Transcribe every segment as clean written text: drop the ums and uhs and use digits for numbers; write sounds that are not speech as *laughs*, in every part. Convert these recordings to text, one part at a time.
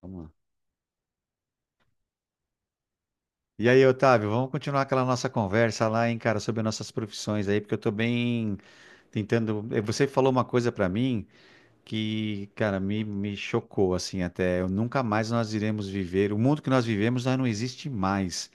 Vamos lá. E aí, Otávio, vamos continuar aquela nossa conversa lá, hein, cara, sobre nossas profissões aí, porque eu tô bem tentando. Você falou uma coisa pra mim que, cara, me chocou, assim, até. Eu, nunca mais nós iremos viver. O mundo que nós vivemos já não existe mais.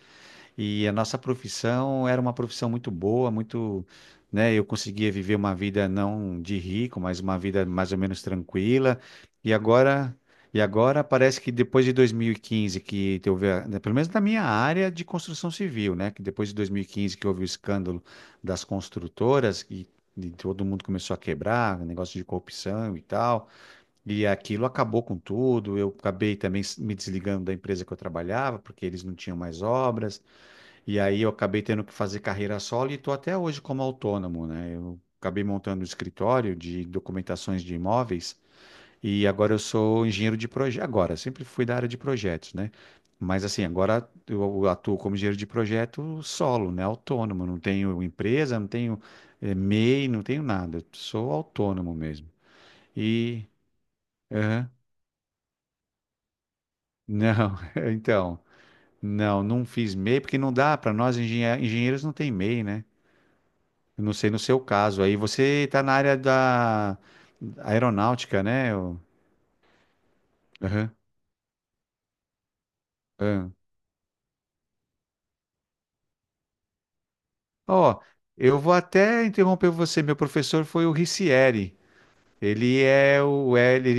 E a nossa profissão era uma profissão muito boa, muito, né? Eu conseguia viver uma vida não de rico, mas uma vida mais ou menos tranquila. E agora, e agora parece que depois de 2015 houve, né, pelo menos na minha área de construção civil, né? Que depois de 2015 que houve o escândalo das construtoras e todo mundo começou a quebrar, negócio de corrupção e tal. E aquilo acabou com tudo. Eu acabei também me desligando da empresa que eu trabalhava, porque eles não tinham mais obras. E aí eu acabei tendo que fazer carreira solo e estou até hoje como autônomo, né? Eu acabei montando um escritório de documentações de imóveis e agora eu sou engenheiro de projeto. Agora, eu sempre fui da área de projetos, né? Mas assim, agora eu atuo como engenheiro de projeto solo, né? Autônomo, não tenho empresa, não tenho MEI, não tenho nada. Eu sou autônomo mesmo. E aham. Não, *laughs* então, não, não fiz MEI porque não dá para nós engenheiros não tem MEI, né? Eu não sei no seu caso. Aí você está na área da aeronáutica, né? O- aham, aham. Ó, eu vou até interromper você. Meu professor foi o Ricieri. Ele é o é, ele,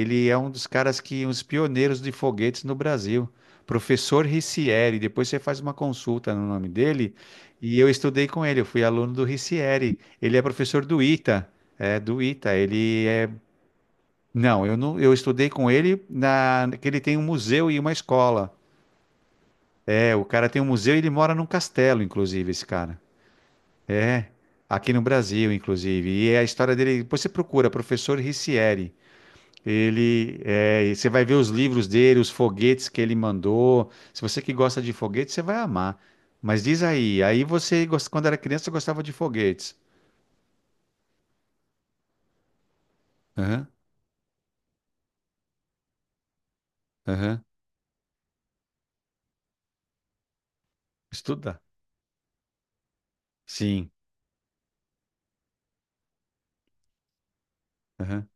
ele é um dos caras que uns pioneiros de foguetes no Brasil. Professor Ricieri. Depois você faz uma consulta no nome dele. E eu estudei com ele. Eu fui aluno do Ricieri. Ele é professor do ITA. É, do ITA. Ele é não, eu não, eu estudei com ele na, que ele tem um museu e uma escola. É, o cara tem um museu e ele mora num castelo, inclusive, esse cara. Aqui no Brasil, inclusive. E é a história dele. Depois você procura, professor Ricieri. E você vai ver os livros dele, os foguetes que ele mandou. Se você que gosta de foguetes, você vai amar. Mas diz aí, quando era criança, você gostava de foguetes. Aham, aham. Estuda. Sim. Aham.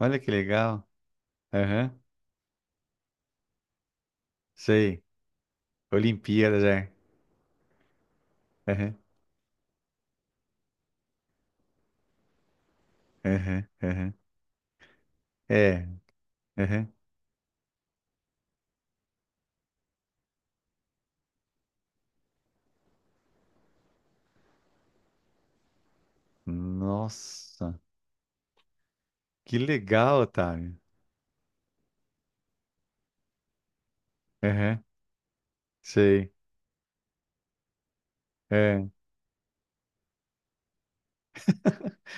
Olha que legal. Aham. Sei. Olimpíadas, é. Aham. Aham, aham. É, aham. Nossa, que legal, Otávio. Aham, sei. É.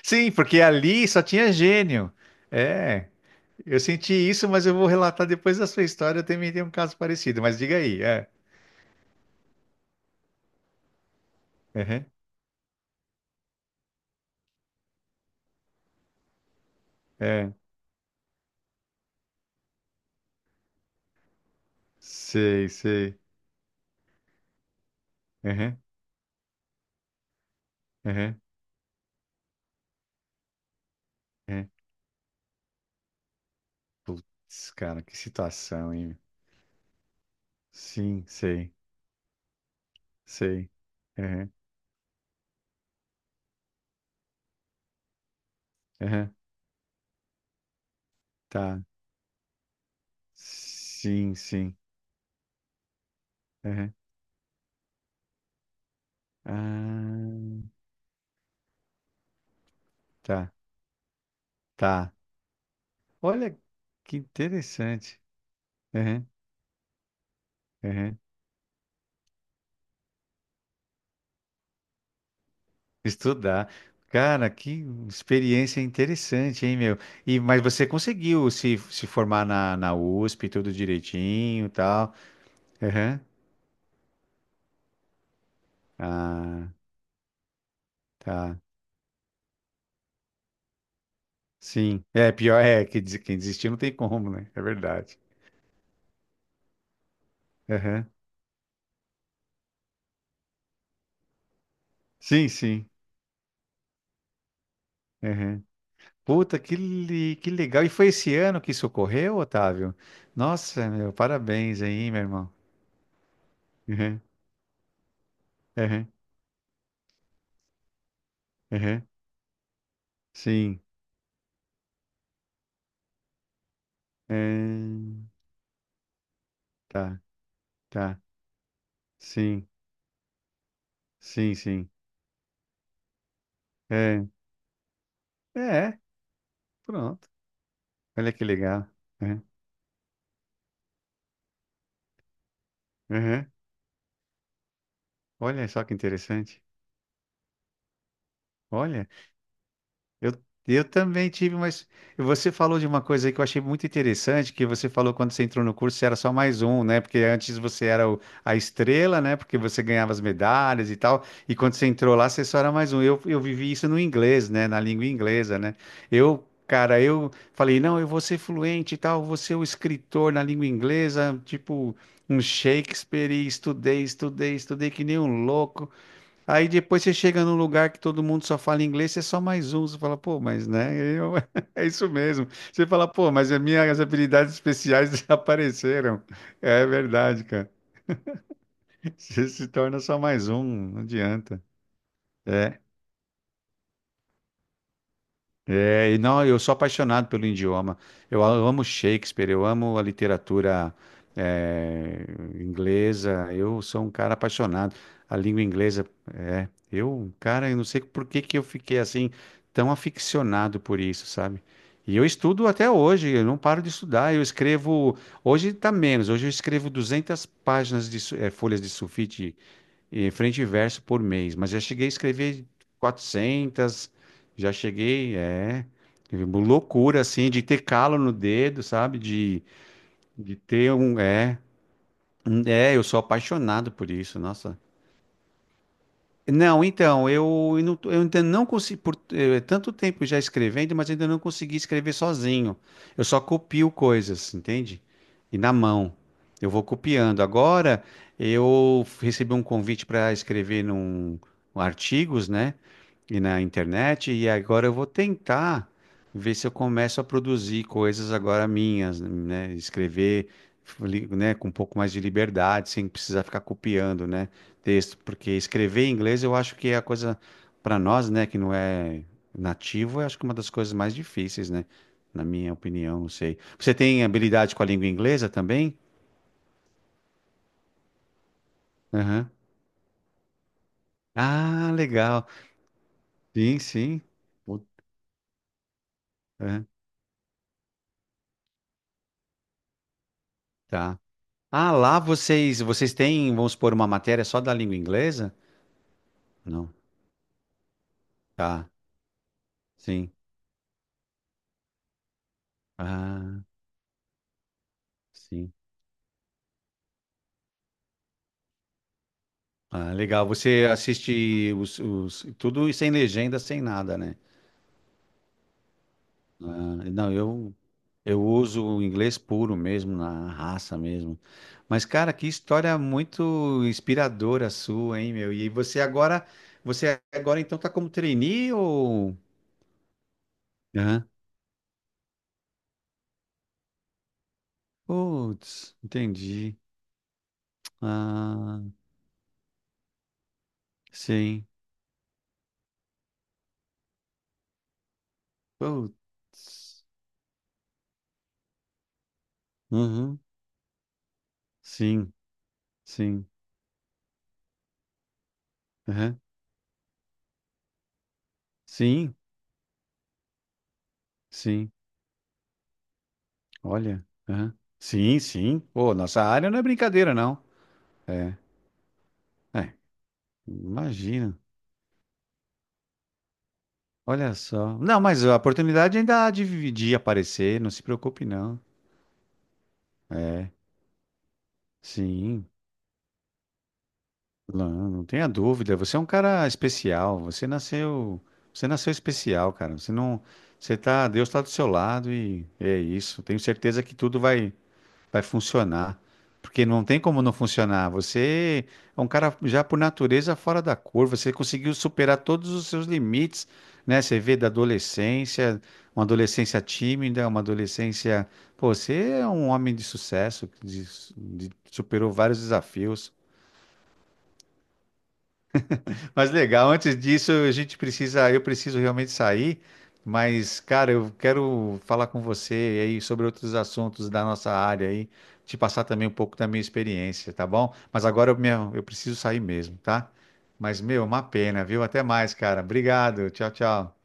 Sim, porque ali só tinha gênio. É, eu senti isso, mas eu vou relatar depois da sua história. Eu também tenho um caso parecido, mas diga aí. É, aham, é. Sei, sei. Aham, aham, aham. Putz, cara, que situação, hein? Sim, sei, sei. Aham, aham. Tá. Sim, sim. Aham. Ah. Tá. Tá. Olha que interessante. Uhum, uhum. Estudar. Cara, que experiência interessante, hein, meu? E, mas você conseguiu se formar na USP, tudo direitinho e tal. Uhum. Ah, tá. Sim. É, pior é que quem desistiu não tem como, né? É verdade. Uhum. Sim, sim. Uhum. Puta, que legal. E foi esse ano que isso ocorreu, Otávio? Nossa, meu, parabéns aí, meu irmão. Uhum, uhum, uhum. Sim. É, tá, tá. Sim, sim, sim. É, é, pronto. Olha que legal. É, uhum. Olha só que interessante. Olha. Eu, eu também tive, mas você falou de uma coisa aí que eu achei muito interessante, que você falou quando você entrou no curso, você era só mais um, né? Porque antes você era a estrela, né? Porque você ganhava as medalhas e tal, e quando você entrou lá, você só era mais um. Eu vivi isso no inglês, né? Na língua inglesa, né? Eu, cara, eu falei, não, eu vou ser fluente e tal, vou ser o escritor na língua inglesa, tipo um Shakespeare, e estudei, estudei, estudei que nem um louco. Aí depois você chega num lugar que todo mundo só fala inglês, você é só mais um. Você fala, pô, mas né? *laughs* É isso mesmo. Você fala, pô, mas as minhas habilidades especiais *laughs* desapareceram. É verdade, cara. Você se torna só mais um, não adianta. É. É, e não, eu sou apaixonado pelo idioma. Eu amo Shakespeare, eu amo a literatura eh, inglesa. Eu sou um cara apaixonado. A língua inglesa, é. Eu, cara, eu não sei por que que eu fiquei assim tão aficionado por isso, sabe? E eu estudo até hoje. Eu não paro de estudar. Eu escrevo. Hoje tá menos. Hoje eu escrevo 200 páginas de folhas de sulfite e frente e verso por mês. Mas já cheguei a escrever 400, já cheguei, é. Uma loucura, assim, de ter calo no dedo, sabe? De ter um. É, é, eu sou apaixonado por isso, nossa. Não, então, eu ainda não consigo, por tanto tempo já escrevendo, mas ainda não consegui escrever sozinho. Eu só copio coisas, entende? E na mão. Eu vou copiando. Agora, eu recebi um convite para escrever num, um artigos, né? E na internet, e agora eu vou tentar ver se eu começo a produzir coisas agora minhas, né? Escrever, né, com um pouco mais de liberdade, sem precisar ficar copiando, né, texto, porque escrever em inglês eu acho que é a coisa para nós, né, que não é nativo, eu acho que é uma das coisas mais difíceis, né? Na minha opinião, não sei. Você tem habilidade com a língua inglesa também? Aham. Ah, legal. Sim, sim. Put- aham. Tá. Ah, lá vocês, vocês têm, vamos supor, uma matéria só da língua inglesa? Não. Tá. Sim. Ah, sim. Ah, legal. Você assiste tudo sem legenda, sem nada, né? Ah, não, eu uso o inglês puro mesmo, na raça mesmo. Mas, cara, que história muito inspiradora sua, hein, meu? E você agora então tá como trainee ou? Aham. Putz, entendi. Ah, sim. Putz. Uhum. Sim, sim. Uhum. Sim, sim. Olha. Uhum. Sim, sim. Pô, nossa área não é brincadeira, não. É, é. Imagina. Olha só. Não, mas a oportunidade ainda há de aparecer, não se preocupe, não. É, sim. Não, não tenha dúvida. Você é um cara especial. Você nasceu especial, cara. Você não, você tá, Deus tá do seu lado e é isso. Tenho certeza que tudo vai funcionar. Porque não tem como não funcionar. Você é um cara já por natureza fora da curva. Você conseguiu superar todos os seus limites, né? Você vê da adolescência, uma adolescência tímida, uma adolescência. Pô, você é um homem de sucesso, superou vários desafios. Mas legal, antes disso, a gente precisa, eu preciso realmente sair, mas, cara, eu quero falar com você aí sobre outros assuntos da nossa área aí, te passar também um pouco da minha experiência, tá bom? Mas agora eu, meu, eu preciso sair mesmo, tá? Mas, meu, uma pena, viu? Até mais, cara. Obrigado. Tchau, tchau.